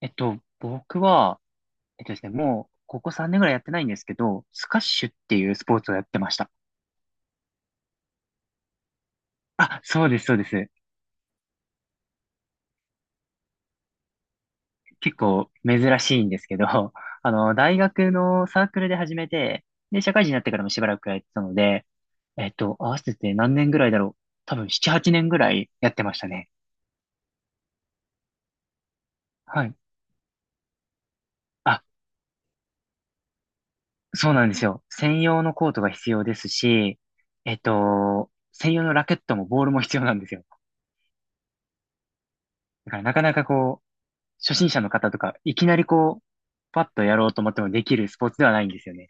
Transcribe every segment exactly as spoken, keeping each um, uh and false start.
えっと、僕は、えっとですね、もう、ここさんねんぐらいやってないんですけど、スカッシュっていうスポーツをやってました。あ、そうです、そうです。結構珍しいんですけど、あの、大学のサークルで始めて、で、社会人になってからもしばらくやってたので、えっと、合わせて何年ぐらいだろう。多分なな、はちねんぐらいやってましたね。はい。あ、そうなんですよ。専用のコートが必要ですし、えっと、専用のラケットもボールも必要なんですよ。だからなかなかこ初心者の方とか、いきなりこう、パッとやろうと思ってもできるスポーツではないんですよね。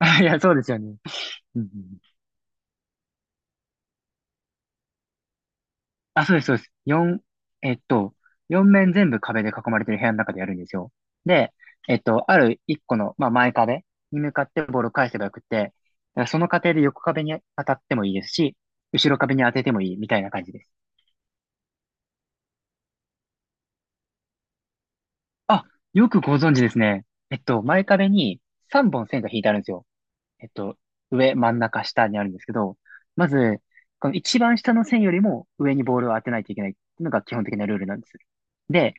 いや、そうですよね。うんうんうん。あ、そうです、そうです。四えっと、四面全部壁で囲まれてる部屋の中でやるんですよ。で、えっと、ある一個の、まあ、前壁に向かってボールを返せばよくって、だからその過程で横壁に当たってもいいですし、後ろ壁に当ててもいいみたいな感じです。あ、よくご存知ですね。えっと、前壁にさんぼん線が引いてあるんですよ。えっと、上、真ん中、下にあるんですけど、まず、この一番下の線よりも上にボールを当てないといけないっていうのが基本的なルールなんです。で、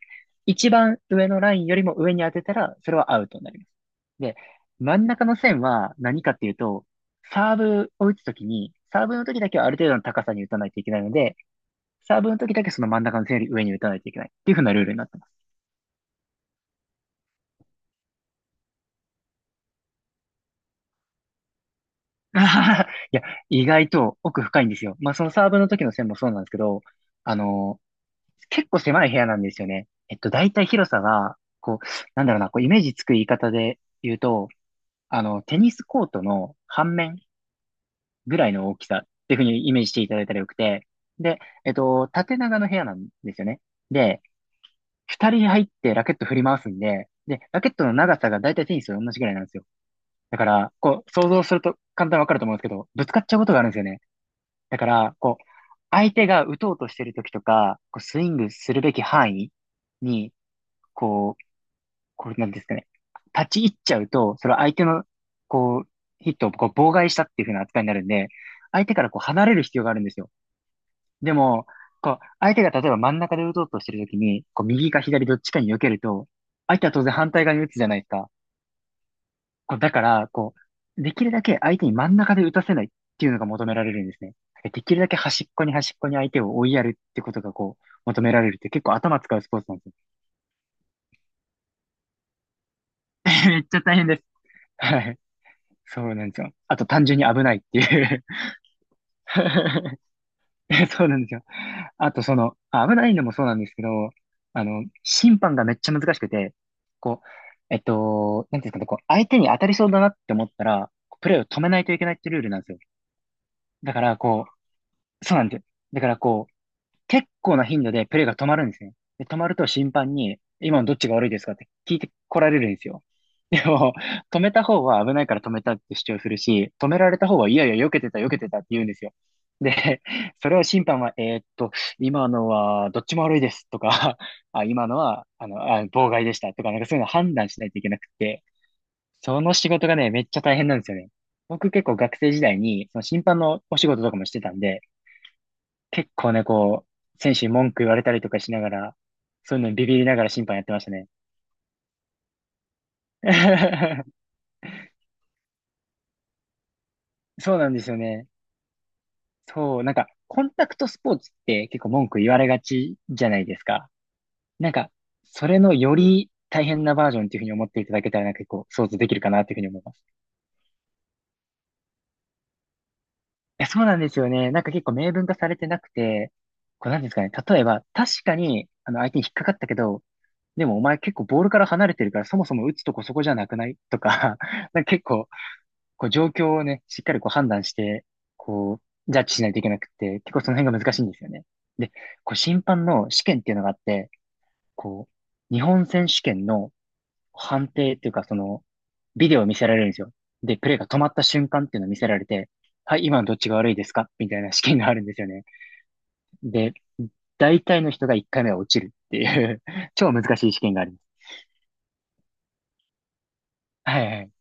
一番上のラインよりも上に当てたら、それはアウトになります。で、真ん中の線は何かっていうと、サーブを打つときに、サーブの時だけはある程度の高さに打たないといけないので、サーブの時だけその真ん中の線より上に打たないといけないっていう風なルールになってます。あははいや、意外と奥深いんですよ。まあ、そのサーブの時の線もそうなんですけど、あの結構狭い部屋なんですよね。えっと、大体広さが、こう、なんだろうな、こう、イメージつく言い方で言うと、あの、テニスコートの半面ぐらいの大きさっていうふうにイメージしていただいたらよくて、で、えっと、縦長の部屋なんですよね。で、二人入ってラケット振り回すんで、で、ラケットの長さが大体テニスと同じぐらいなんですよ。だから、こう、想像すると簡単にわかると思うんですけど、ぶつかっちゃうことがあるんですよね。だから、こう、相手が打とうとしてる時とか、こうスイングするべき範囲にこう、これなんですかね。立ち入っちゃうと、それは相手の、こう、ヒットをこう妨害したっていう風な扱いになるんで、相手からこう離れる必要があるんですよ。でも、こう、相手が例えば真ん中で打とうとしてるときに、こう、右か左どっちかに避けると、相手は当然反対側に打つじゃないですか。こう、だから、こう、できるだけ相手に真ん中で打たせないっていうのが求められるんですね。できるだけ端っこに端っこに相手を追いやるってことがこう、求められるって結構頭使うスポーツなんですよ。めっちゃ大変です。はい。そうなんですよ。あと単純に危ないっていう。 そうなんですよ。あとその、あ危ないのもそうなんですけど、あの、審判がめっちゃ難しくて、こう、えっと、なんていうんですかね、こう、相手に当たりそうだなって思ったら、プレーを止めないといけないってルールなんですよ。だから、こう、そうなんですよ。だから、こう、結構な頻度でプレーが止まるんですね。で、止まると審判に、今のどっちが悪いですかって聞いてこられるんですよ。でも、止めた方は危ないから止めたって主張するし、止められた方は、いやいや、避けてた、避けてたって言うんですよ。で、それを審判は、えーっと、今のはどっちも悪いですとか、あ、今のは、あの、あ、妨害でしたとか、なんかそういうの判断しないといけなくて、その仕事がね、めっちゃ大変なんですよね。僕結構学生時代に、その審判のお仕事とかもしてたんで、結構ね、こう、選手に文句言われたりとかしながら、そういうのにビビりながら審判やってましたね。そうなんですよね。そう、なんか、コンタクトスポーツって結構文句言われがちじゃないですか。なんか、それのより大変なバージョンっていうふうに思っていただけたら、なんか結構想像できるかなっていうふうに思います。え、そうなんですよね。なんか結構明文化されてなくて、こうなんですかね。例えば、確かに、あの、相手に引っかかったけど、でもお前結構ボールから離れてるから、そもそも打つとこそこじゃなくないとか、なんか結構、こう状況をね、しっかりこう判断して、こう、ジャッジしないといけなくて、結構その辺が難しいんですよね。で、こう審判の試験っていうのがあって、こう、日本選手権の判定っていうか、その、ビデオを見せられるんですよ。で、プレーが止まった瞬間っていうのを見せられて、はい、今のどっちが悪いですかみたいな試験があるんですよね。で、大体の人がいっかいめは落ちるっていう 超難しい試験があります。はいはい。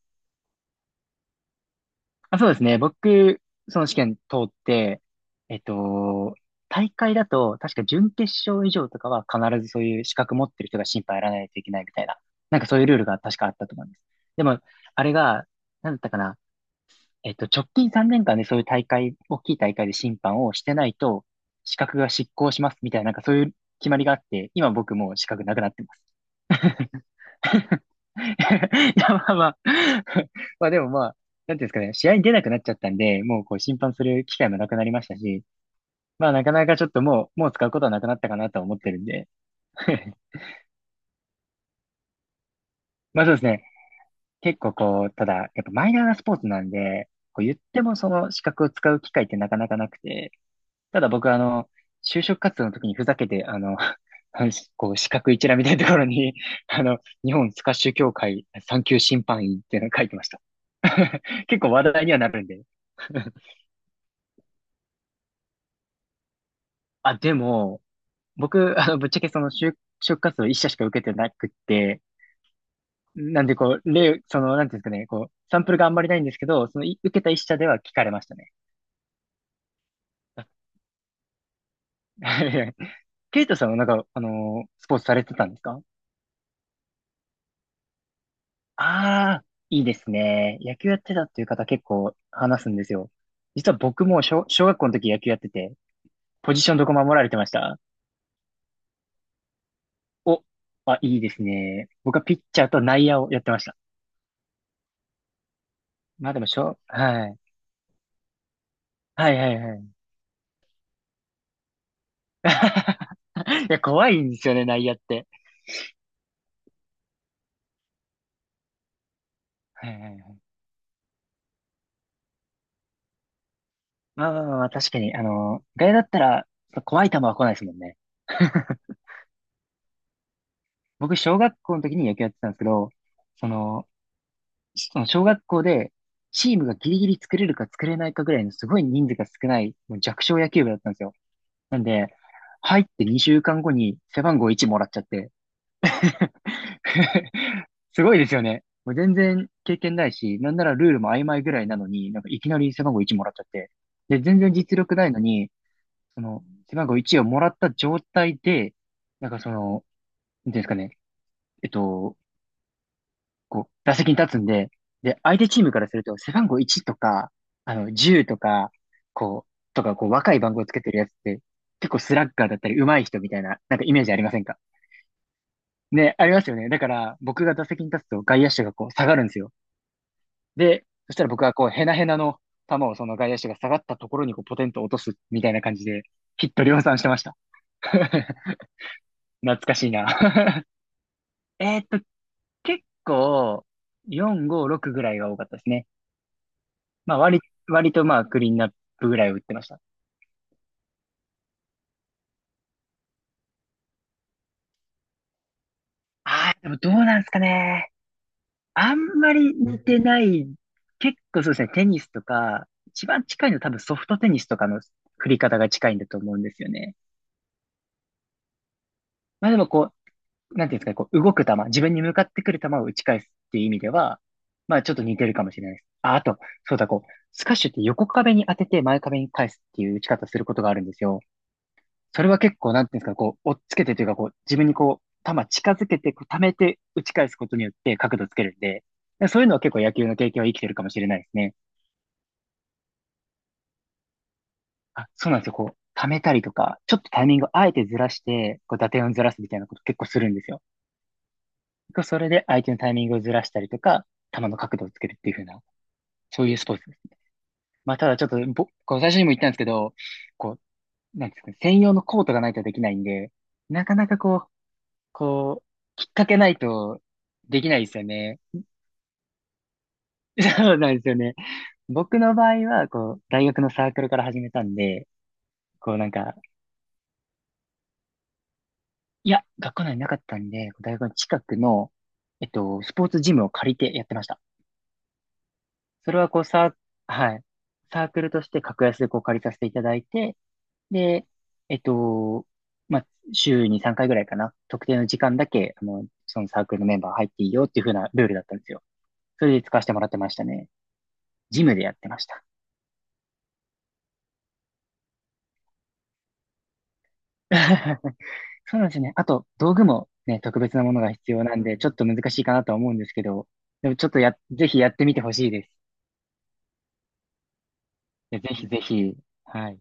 あ、そうですね。僕、その試験通って、えっと、大会だと、確か準決勝以上とかは必ずそういう資格持ってる人が審判やらないといけないみたいな、なんかそういうルールが確かあったと思います。でも、あれが、なんだったかな、えっと、直近さんねんかんでそういう大会、大きい大会で審判をしてないと、資格が失効しますみたいな、なんかそういう決まりがあって、今僕もう資格なくなってます。いや、まあまあ。 まあでもまあ、なんていうんですかね、試合に出なくなっちゃったんで、もうこう審判する機会もなくなりましたし、まあなかなかちょっともう、もう使うことはなくなったかなとは思ってるんで。まあそうですね。結構こう、ただ、やっぱマイナーなスポーツなんで、こう言ってもその資格を使う機会ってなかなかなくて、ただ僕はあの、就職活動の時にふざけて、あの、あのこう資格一覧みたいなところに、あの、日本スカッシュ協会さん級審判員っていうのを書いてました。結構話題にはなるんで。あ、でも、僕、あの、ぶっちゃけその就、就活動一社しか受けてなくって、なんでこう、例、その、なんていうんですかね、こう、サンプルがあんまりないんですけど、その、い受けた一社では聞かれましたね。あ。 ケイトさんはなんか、あのースポーツされてたんですか？ああー、いいですね。野球やってたっていう方結構話すんですよ。実は僕も小、小学校の時野球やってて、ポジションどこ守られてました？お、あ、いいですね。僕はピッチャーと内野をやってました。まあでも、しょ、はい。はいはいはい。 いや、怖いんですよね、内野って。はいはいはい。まあまあまあまあ、確かに、あの、外野だったら、怖い球は来ないですもんね。僕、小学校の時に野球やってたんですけど、その、その小学校で、チームがギリギリ作れるか作れないかぐらいのすごい人数が少ない、もう弱小野球部だったんですよ。なんで、入ってにしゅうかんごに背番号いちもらっちゃって。すごいですよね。もう全然経験ないし、なんならルールも曖昧ぐらいなのに、なんかいきなり背番号いちもらっちゃって。で、全然実力ないのに、その、背番号いちをもらった状態で、なんかその、なんていうんですかね、えっと、こう、打席に立つんで、で、相手チームからすると、背番号いちとか、あの、じゅうとか、こう、とか、こう、若い番号つけてるやつって、結構スラッガーだったり、上手い人みたいな、なんかイメージありませんか？ね、ありますよね。だから、僕が打席に立つと外野手がこう下がるんですよ。で、そしたら僕はこう、ヘナヘナの球をその外野手が下がったところにこう、ポテンと落とすみたいな感じで、ヒット量産してました。懐かしいな。えーっと、結構、よん、ご、ろくぐらいが多かったですね。まあ、割、割とまあ、クリーンナップぐらいを打ってました。ああ、でもどうなんですかね。あんまり似てない。結構そうですね、テニスとか、一番近いの多分ソフトテニスとかの振り方が近いんだと思うんですよね。まあでもこう、なんていうんですかね、こう動く球、自分に向かってくる球を打ち返すっていう意味では、まあちょっと似てるかもしれないです。あ、あと、そうだ、こう、スカッシュって横壁に当てて前壁に返すっていう打ち方することがあるんですよ。それは結構、なんていうんですかね、こう、追っつけてというか、こう、自分にこう、球近づけて、こう、溜めて打ち返すことによって角度つけるんで、そういうのは結構野球の経験は生きてるかもしれないですね。あ、そうなんですよ。こう、溜めたりとか、ちょっとタイミングをあえてずらして、こう、打点をずらすみたいなこと結構するんですよ。構それで相手のタイミングをずらしたりとか、球の角度をつけるっていう風な、そういうスポーツです。まあ、ただちょっとぼ、こう最初にも言ったんですけど、こう、なんですかね、専用のコートがないとできないんで、なかなかこう、こう、きっかけないとできないですよね。そうなんですよね。僕の場合は、こう、大学のサークルから始めたんで、こうなんか、いや、学校内になかったんで、こう大学の近くの、えっと、スポーツジムを借りてやってました。それはこうサー、はい。サークルとして格安でこう借りさせていただいて、で、えっと、まあ、週にさんかいぐらいかな。特定の時間だけ、あの、そのサークルのメンバー入っていいよっていう風なルールだったんですよ。それで使わせてもらってましたね。ジムでやってました。そうなんですよね。あと、道具もね、特別なものが必要なんで、ちょっと難しいかなとは思うんですけど、でもちょっとや、ぜひやってみてほしいです。いやぜひぜひ、はい。